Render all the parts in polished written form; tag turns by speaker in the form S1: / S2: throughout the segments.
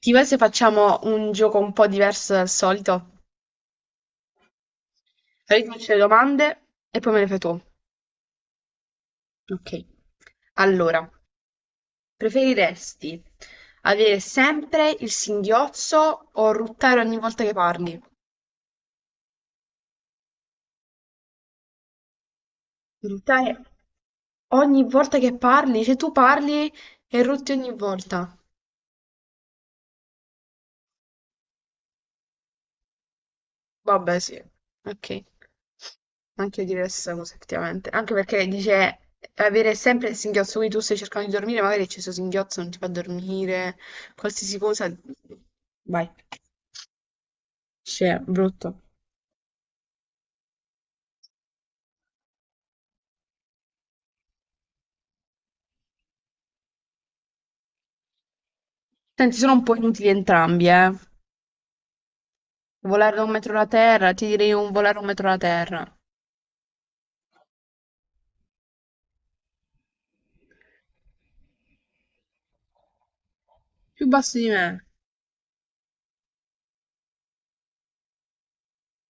S1: Ti va se facciamo un gioco un po' diverso dal solito? Allora io ti faccio le domande e poi me le fai tu. Ok. Allora, preferiresti avere sempre il singhiozzo o ruttare ogni volta che parli? Ruttare ogni volta che parli? Se tu parli e rutti ogni volta. Vabbè, sì, ok. Anche io direi la stessa cosa, effettivamente. Anche perché dice avere sempre il singhiozzo, quindi tu stai cercando di dormire, magari c'è questo singhiozzo, non ti fa dormire, qualsiasi cosa. Vai. Cioè, brutto. Senti, sono un po' inutili entrambi, eh. Volare da un metro alla terra, ti direi un volare un metro alla terra. Più basso di me.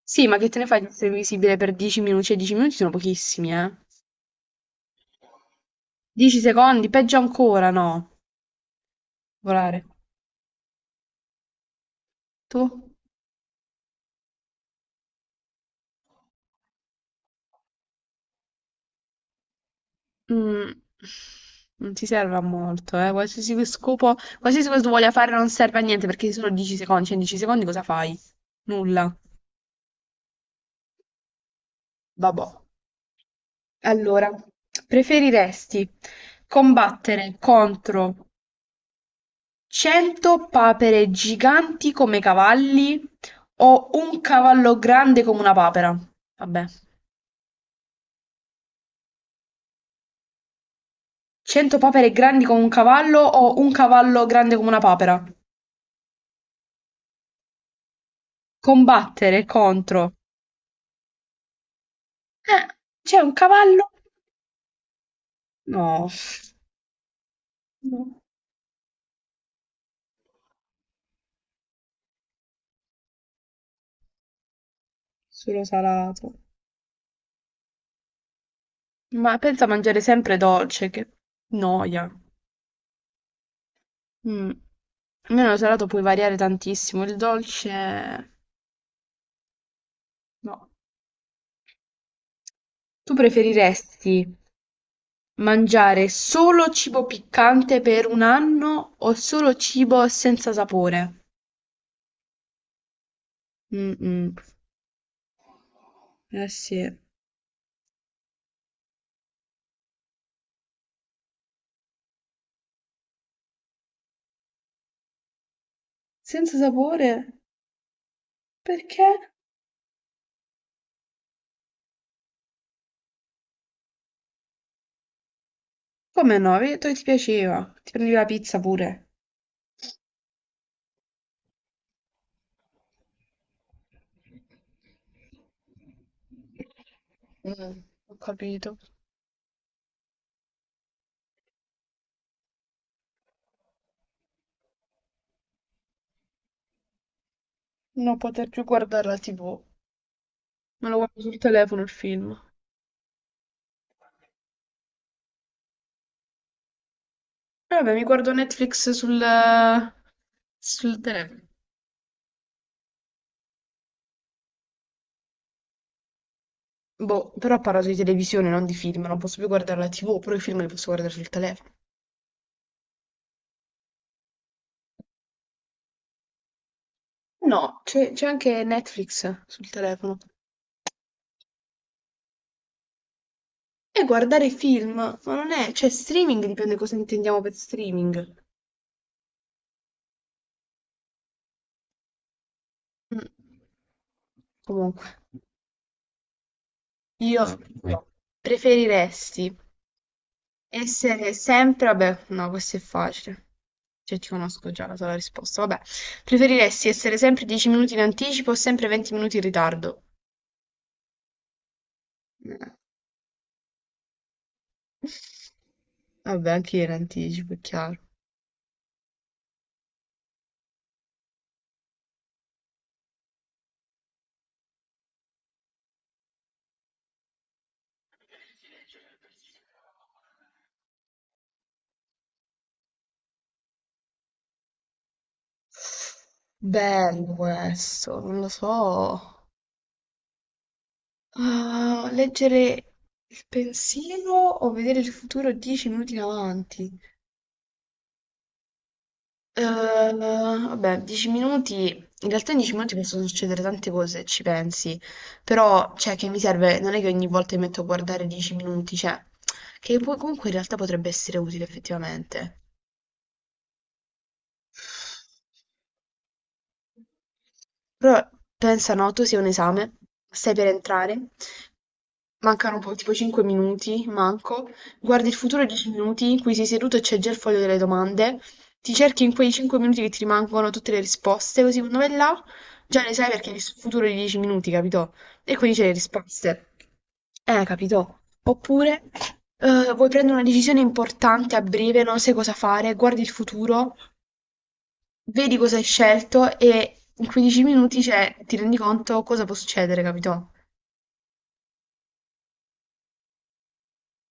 S1: Sì, ma che te ne fai di essere invisibile per 10 minuti? Cioè, 10 minuti sono pochissimi, eh. 10 secondi, peggio ancora, no. Volare. Tu? Mm, non ti serve a molto, eh. Qualsiasi scopo, qualsiasi cosa tu voglia fare non serve a niente perché solo 10 secondi, cioè in 10 secondi cosa fai? Nulla. Vabbè. Allora, preferiresti combattere contro 100 papere giganti come cavalli o un cavallo grande come una papera? Vabbè. 100 papere grandi come un cavallo o un cavallo grande come una papera? Combattere contro... Eh, c'è un cavallo. No, no, solo salato. Ma pensa a mangiare sempre dolce, che noia. Mm. Almeno lo salato puoi variare tantissimo, il dolce no. Tu preferiresti mangiare solo cibo piccante per un anno o solo cibo senza sapore? Mm-mm. Eh sì. Senza sapore? Perché? Come no? Ho detto che ti piaceva. Ti prendi la pizza pure. Mm, ho capito. Non poter più guardare la TV. Me lo guardo sul telefono il film. Vabbè, mi guardo Netflix sul telefono. Boh, però parlo di televisione, non di film. Non posso più guardare la TV, però i film li posso guardare sul telefono. No, c'è anche Netflix sul telefono. E guardare film, ma non è... Cioè, streaming dipende cosa intendiamo per streaming. Mm. Comunque, io no. Preferiresti essere sempre, vabbè, no, questo è facile. Cioè, ti conosco già la tua risposta. Vabbè, preferiresti essere sempre 10 minuti in anticipo o sempre 20 minuti in ritardo? Eh, Vabbè, anche io in anticipo, è chiaro. Bello questo, non lo so. Ah, leggere il pensiero o vedere il futuro 10 minuti in avanti? Eh, vabbè, 10 minuti. In realtà in 10 minuti possono succedere tante cose, se ci pensi. Però, cioè, che mi serve? Non è che ogni volta mi metto a guardare 10 minuti, cioè, che poi comunque in realtà potrebbe essere utile effettivamente. Però pensa noto sia un esame, stai per entrare, mancano tipo 5 minuti, manco, guardi il futuro 10 minuti, qui sei seduto e c'è già il foglio delle domande, ti cerchi in quei 5 minuti che ti rimangono tutte le risposte, così quando vai là già le sai perché hai visto il futuro di 10 minuti, capito? E quindi c'è le risposte. Capito? Oppure vuoi prendere una decisione importante a breve, non sai cosa fare, guardi il futuro vedi cosa hai scelto e in 15 minuti, cioè, ti rendi conto cosa può succedere, capito?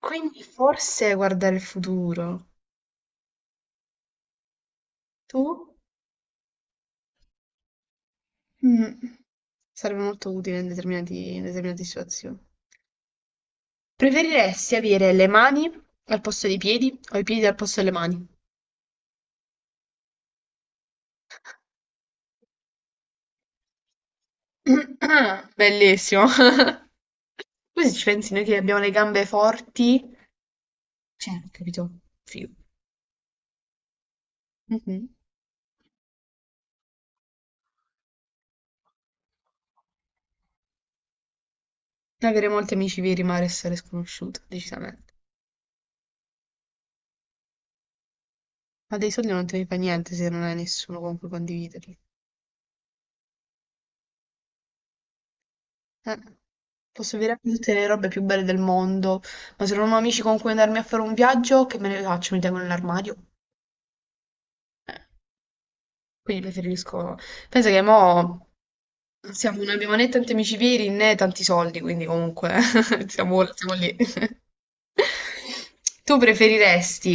S1: Quindi forse guardare il futuro. Tu? Mm, sarebbe molto utile in determinate situazioni. Preferiresti avere le mani al posto dei piedi o i piedi al posto delle mani? Bellissimo. Poi se ci pensi noi che abbiamo le gambe forti, cioè, capito? Figo. Mhm. Avere molti amici veri ma restare sconosciuto, decisamente. Ma dei soldi non te ne fai niente se non hai nessuno con cui condividerli. Eh, posso avere tutte le robe più belle del mondo, ma se non ho amici con cui andarmi a fare un viaggio, che me ne faccio? Mi tengo nell'armadio? Eh, quindi preferisco... Pensa che mo siamo, non abbiamo né tanti amici veri né tanti soldi, quindi comunque siamo lì. Tu preferiresti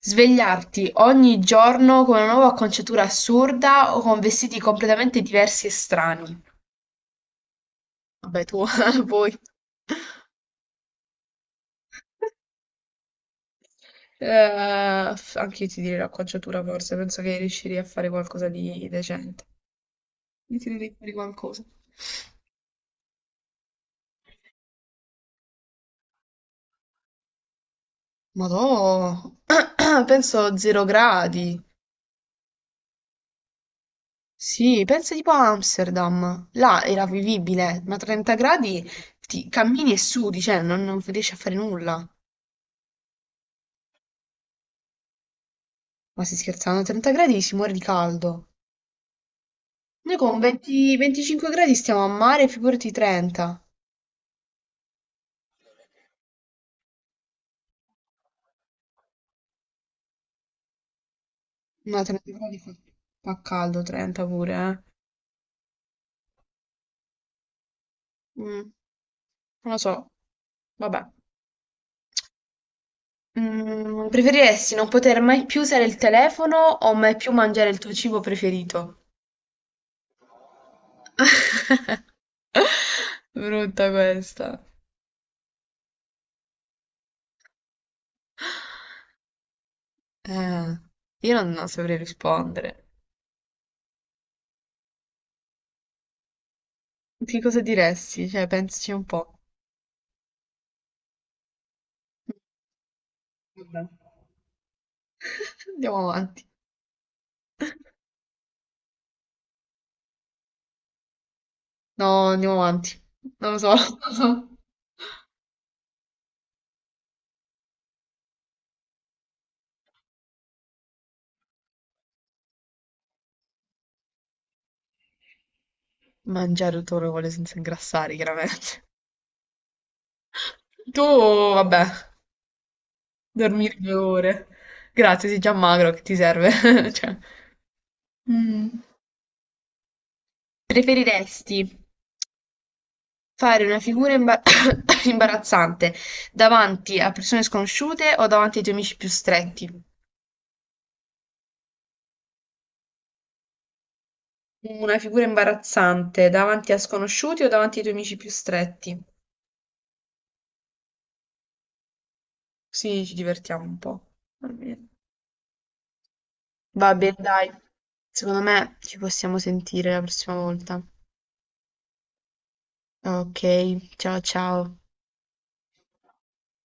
S1: svegliarti ogni giorno con una nuova acconciatura assurda o con vestiti completamente diversi e strani? Vabbè, tu, poi... anche io ti direi l'acconciatura forse, penso che riuscirei a fare qualcosa di decente. Mi tirerei fuori qualcosa. Madò, penso 0 gradi. Sì, pensa tipo a Amsterdam. Là era vivibile, ma 30 gradi ti cammini e sudi, cioè non riesci a fare nulla. Ma si scherzano, a 30 gradi si muore di caldo. Noi con 20 25 gradi stiamo a mare, figurati 30. No, 30 gradi fa caldo, 30 pure, eh. Mm, non lo so, vabbè. Mm, preferiresti non poter mai più usare il telefono o mai più mangiare il tuo cibo preferito? Brutta questa. Eh, io non saprei rispondere. Che cosa diresti? Cioè, pensaci un po'. Vabbè. Andiamo avanti. No, andiamo avanti. Non lo so. Non lo so. Mangiare tutto quello che vuole senza ingrassare, chiaramente. Tu, vabbè. Dormire 2 ore. Grazie, sei già magro, che ti serve? Cioè. Mm. Preferiresti fare una figura imbarazzante davanti a persone sconosciute o davanti ai tuoi amici più stretti? Una figura imbarazzante davanti a sconosciuti o davanti ai tuoi amici più stretti? Sì, ci divertiamo un po'. Va bene, va bene, dai. Secondo me ci possiamo sentire la prossima volta. Ok, ciao ciao.